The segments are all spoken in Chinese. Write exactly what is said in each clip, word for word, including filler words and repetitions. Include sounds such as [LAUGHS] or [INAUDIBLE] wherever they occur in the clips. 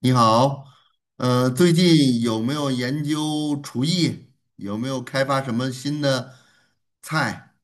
你好，呃，最近有没有研究厨艺？有没有开发什么新的菜？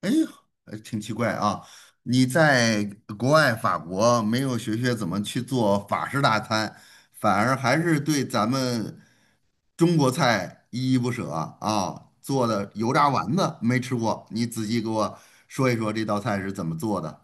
哎呦，呃挺奇怪啊！你在国外法国没有学学怎么去做法式大餐，反而还是对咱们中国菜依依不舍啊！做的油炸丸子没吃过，你仔细给我说一说这道菜是怎么做的？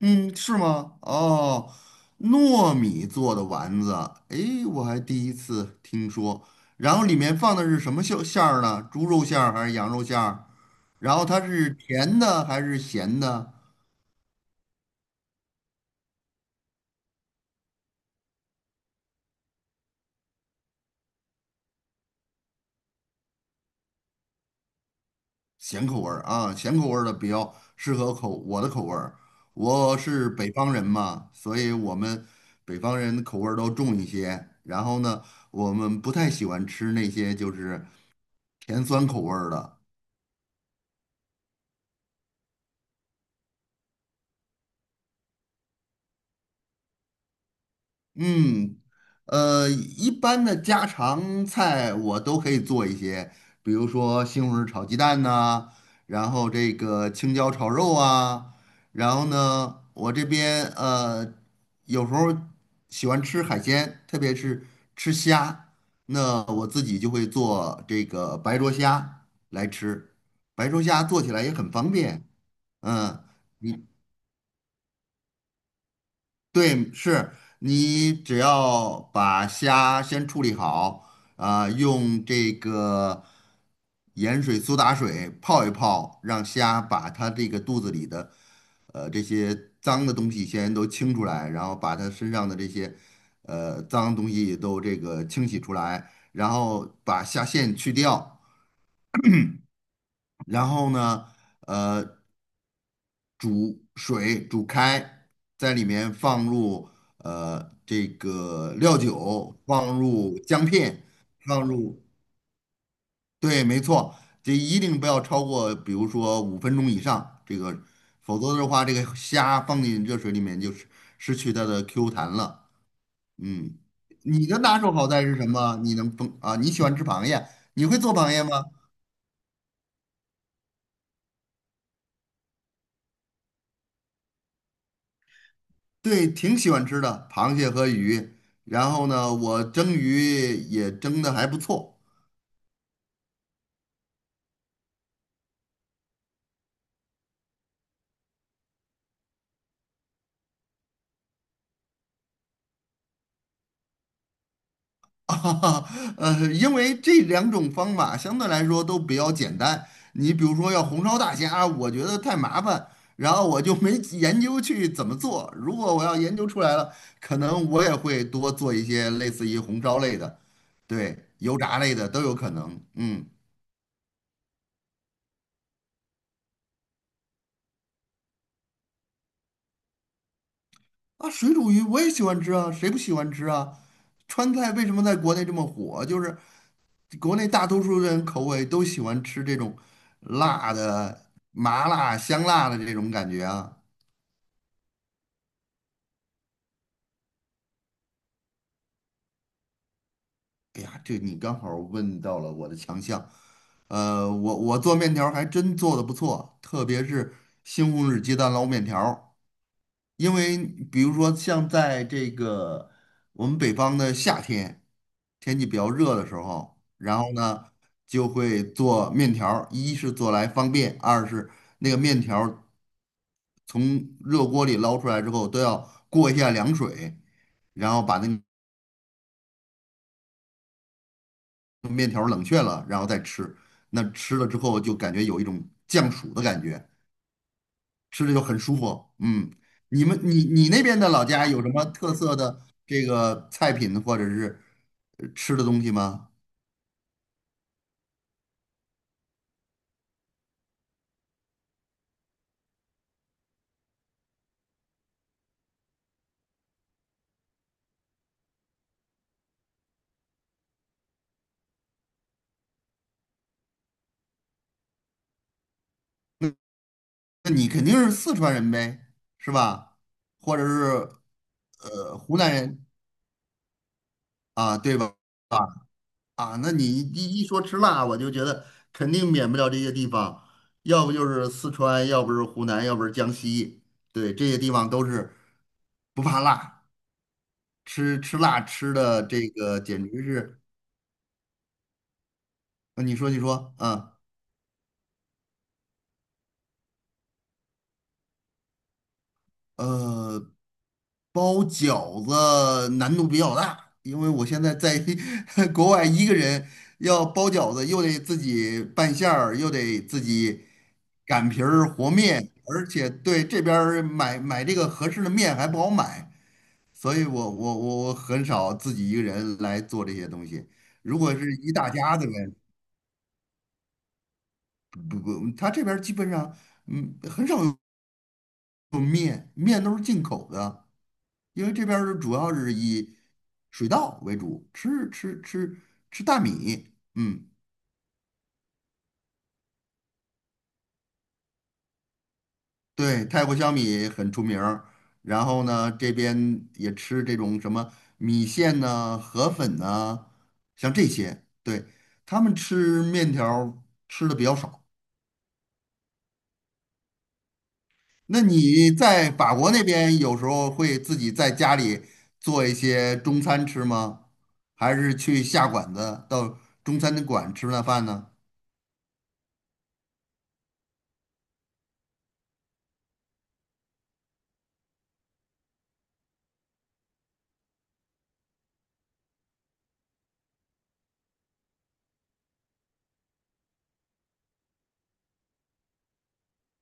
嗯，是吗？哦，糯米做的丸子，诶，我还第一次听说。然后里面放的是什么馅馅儿呢？猪肉馅儿还是羊肉馅儿？然后它是甜的还是咸的？咸口味儿啊，咸口味儿的比较适合口我的口味儿。我是北方人嘛，所以我们北方人口味儿都重一些。然后呢，我们不太喜欢吃那些就是甜酸口味儿的。嗯，呃，一般的家常菜我都可以做一些，比如说西红柿炒鸡蛋呐、然后这个青椒炒肉啊，然后呢，我这边呃有时候喜欢吃海鲜，特别是吃虾，那我自己就会做这个白灼虾来吃，白灼虾做起来也很方便。嗯。你。对，是你只要把虾先处理好，啊、用这个盐水、苏打水泡一泡，让虾把它这个肚子里的呃这些脏的东西先都清出来，然后把它身上的这些呃脏东西都这个清洗出来，然后把虾线去掉，然后呢，呃。煮水煮开，在里面放入呃这个料酒，放入姜片，放入，对，没错，这一定不要超过比如说五分钟以上，这个否则的话，这个虾放进热水里面就是失去它的 Q 弹了。嗯，你的拿手好菜是什么？你能烹啊？你喜欢吃螃蟹？你会做螃蟹吗？对，挺喜欢吃的，螃蟹和鱼。然后呢，我蒸鱼也蒸的还不错。[LAUGHS] 啊，呃，因为这两种方法相对来说都比较简单。你比如说要红烧大虾，我觉得太麻烦，然后我就没研究去怎么做。如果我要研究出来了，可能我也会多做一些类似于红烧类的，对，油炸类的都有可能。嗯，啊，水煮鱼我也喜欢吃啊，谁不喜欢吃啊？川菜为什么在国内这么火？就是国内大多数人口味都喜欢吃这种辣的、麻辣、香辣的这种感觉啊。哎呀，这你刚好问到了我的强项。呃，我我做面条儿还真做的不错，特别是西红柿鸡蛋捞面条儿。因为比如说像在这个我们北方的夏天，天气比较热的时候，然后呢就会做面条儿，一是做来方便，二是那个面条。从热锅里捞出来之后，都要过一下凉水，然后把那个面条冷却了，然后再吃。那吃了之后就感觉有一种降暑的感觉，吃着就很舒服。嗯，你们你你那边的老家有什么特色的这个菜品或者是呃吃的东西吗？那那你肯定是四川人呗，是吧？或者是呃湖南人啊，对吧？啊。啊，那你一一说吃辣，我就觉得肯定免不了这些地方，要不就是四川，要不是湖南，要不是江西，对，这些地方都是不怕辣，吃吃辣吃的这个简直是，呃你说你说，啊。呃，包饺子难度比较大，因为我现在在 [LAUGHS] 国外一个人要包饺子，又得自己拌馅儿，又得自己擀皮儿和面，而且对这边儿买买这个合适的面还不好买，所以我我我我很少自己一个人来做这些东西。如果是一大家子人，不不不他这边儿基本上嗯很少有面，面都是进口的。因为这边儿主要是以水稻为主，吃吃吃吃大米，嗯，对，泰国小米很出名儿。然后呢，这边也吃这种什么米线呐、河粉呐、像这些。对，他们吃面条儿吃的比较少。那你在法国那边有时候会自己在家里做一些中餐吃吗？还是去下馆子到中餐馆吃那饭呢？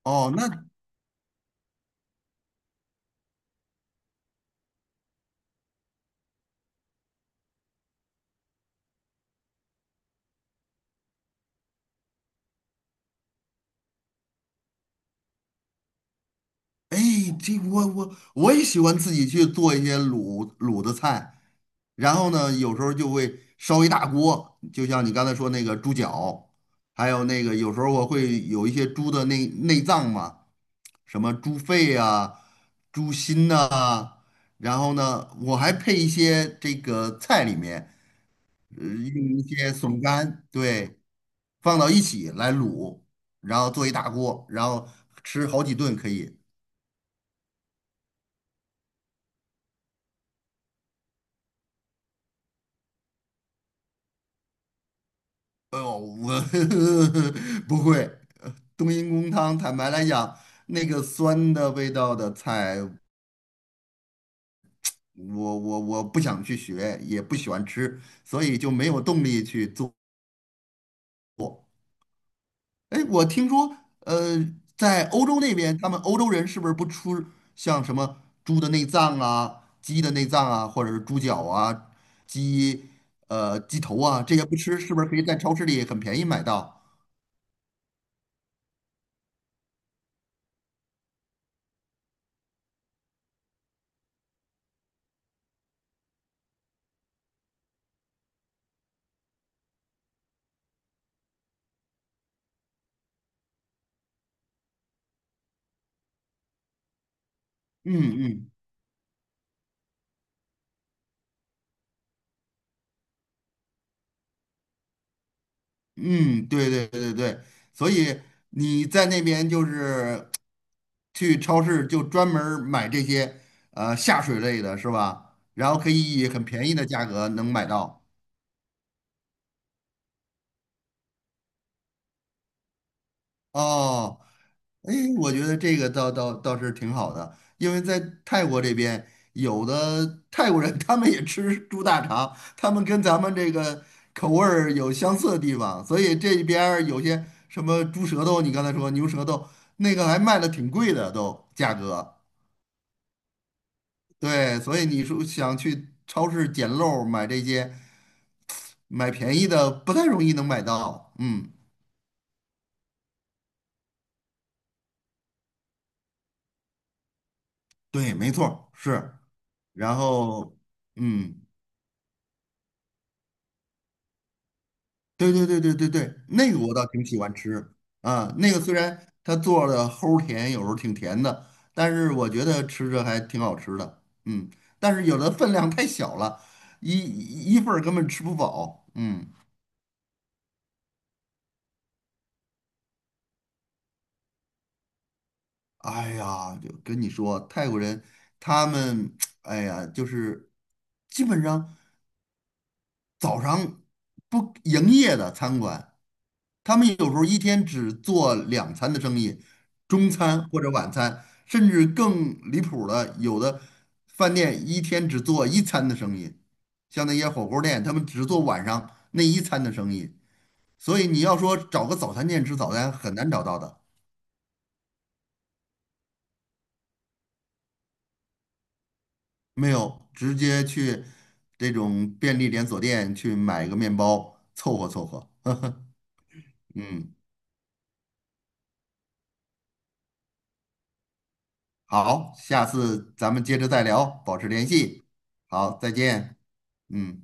哦，那哎，这我我我也喜欢自己去做一些卤卤的菜，然后呢，有时候就会烧一大锅，就像你刚才说那个猪脚，还有那个有时候我会有一些猪的内内脏嘛，什么猪肺啊、猪心呐、然后呢，我还配一些这个菜里面，呃，用一些笋干，对，放到一起来卤，然后做一大锅，然后吃好几顿可以。哦，我 [LAUGHS] 不会，冬阴功汤，坦白来讲，那个酸的味道的菜，我我我不想去学，也不喜欢吃，所以就没有动力去做。哎，我听说，呃，在欧洲那边，他们欧洲人是不是不吃像什么猪的内脏啊、鸡的内脏啊，或者是猪脚啊、鸡呃鸡头啊，这些不吃，是不是可以在超市里很便宜买到？嗯嗯嗯，对对对对，所以你在那边就是去超市就专门儿买这些呃下水类的是吧？然后可以以很便宜的价格能买到。哦，哎，我觉得这个倒倒倒是挺好的，因为在泰国这边，有的泰国人 [LAUGHS] 他们也吃猪大肠，他们跟咱们这个口味儿有相似的地方，所以这边儿有些什么猪舌头，你刚才说牛舌头，那个还卖的挺贵的都价格。对，所以你说想去超市捡漏儿买这些，买便宜的不太容易能买到。嗯，对，没错儿，是。然后，嗯。对对对对对对，那个我倒挺喜欢吃啊。那个虽然它做的齁甜，有时候挺甜的，但是我觉得吃着还挺好吃的。嗯，但是有的分量太小了，一一份儿根本吃不饱。嗯，哎呀，就跟你说，泰国人他们，[TSK] 哎呀，就是基本上早上不营业的餐馆。他们有时候一天只做两餐的生意，中餐或者晚餐，甚至更离谱的，有的饭店一天只做一餐的生意，像那些火锅店，他们只做晚上那一餐的生意。所以你要说找个早餐店吃早餐很难找到的，没有，直接去这种便利连锁店去买个面包凑合凑合。嗯，好，下次咱们接着再聊，保持联系。好，再见。嗯。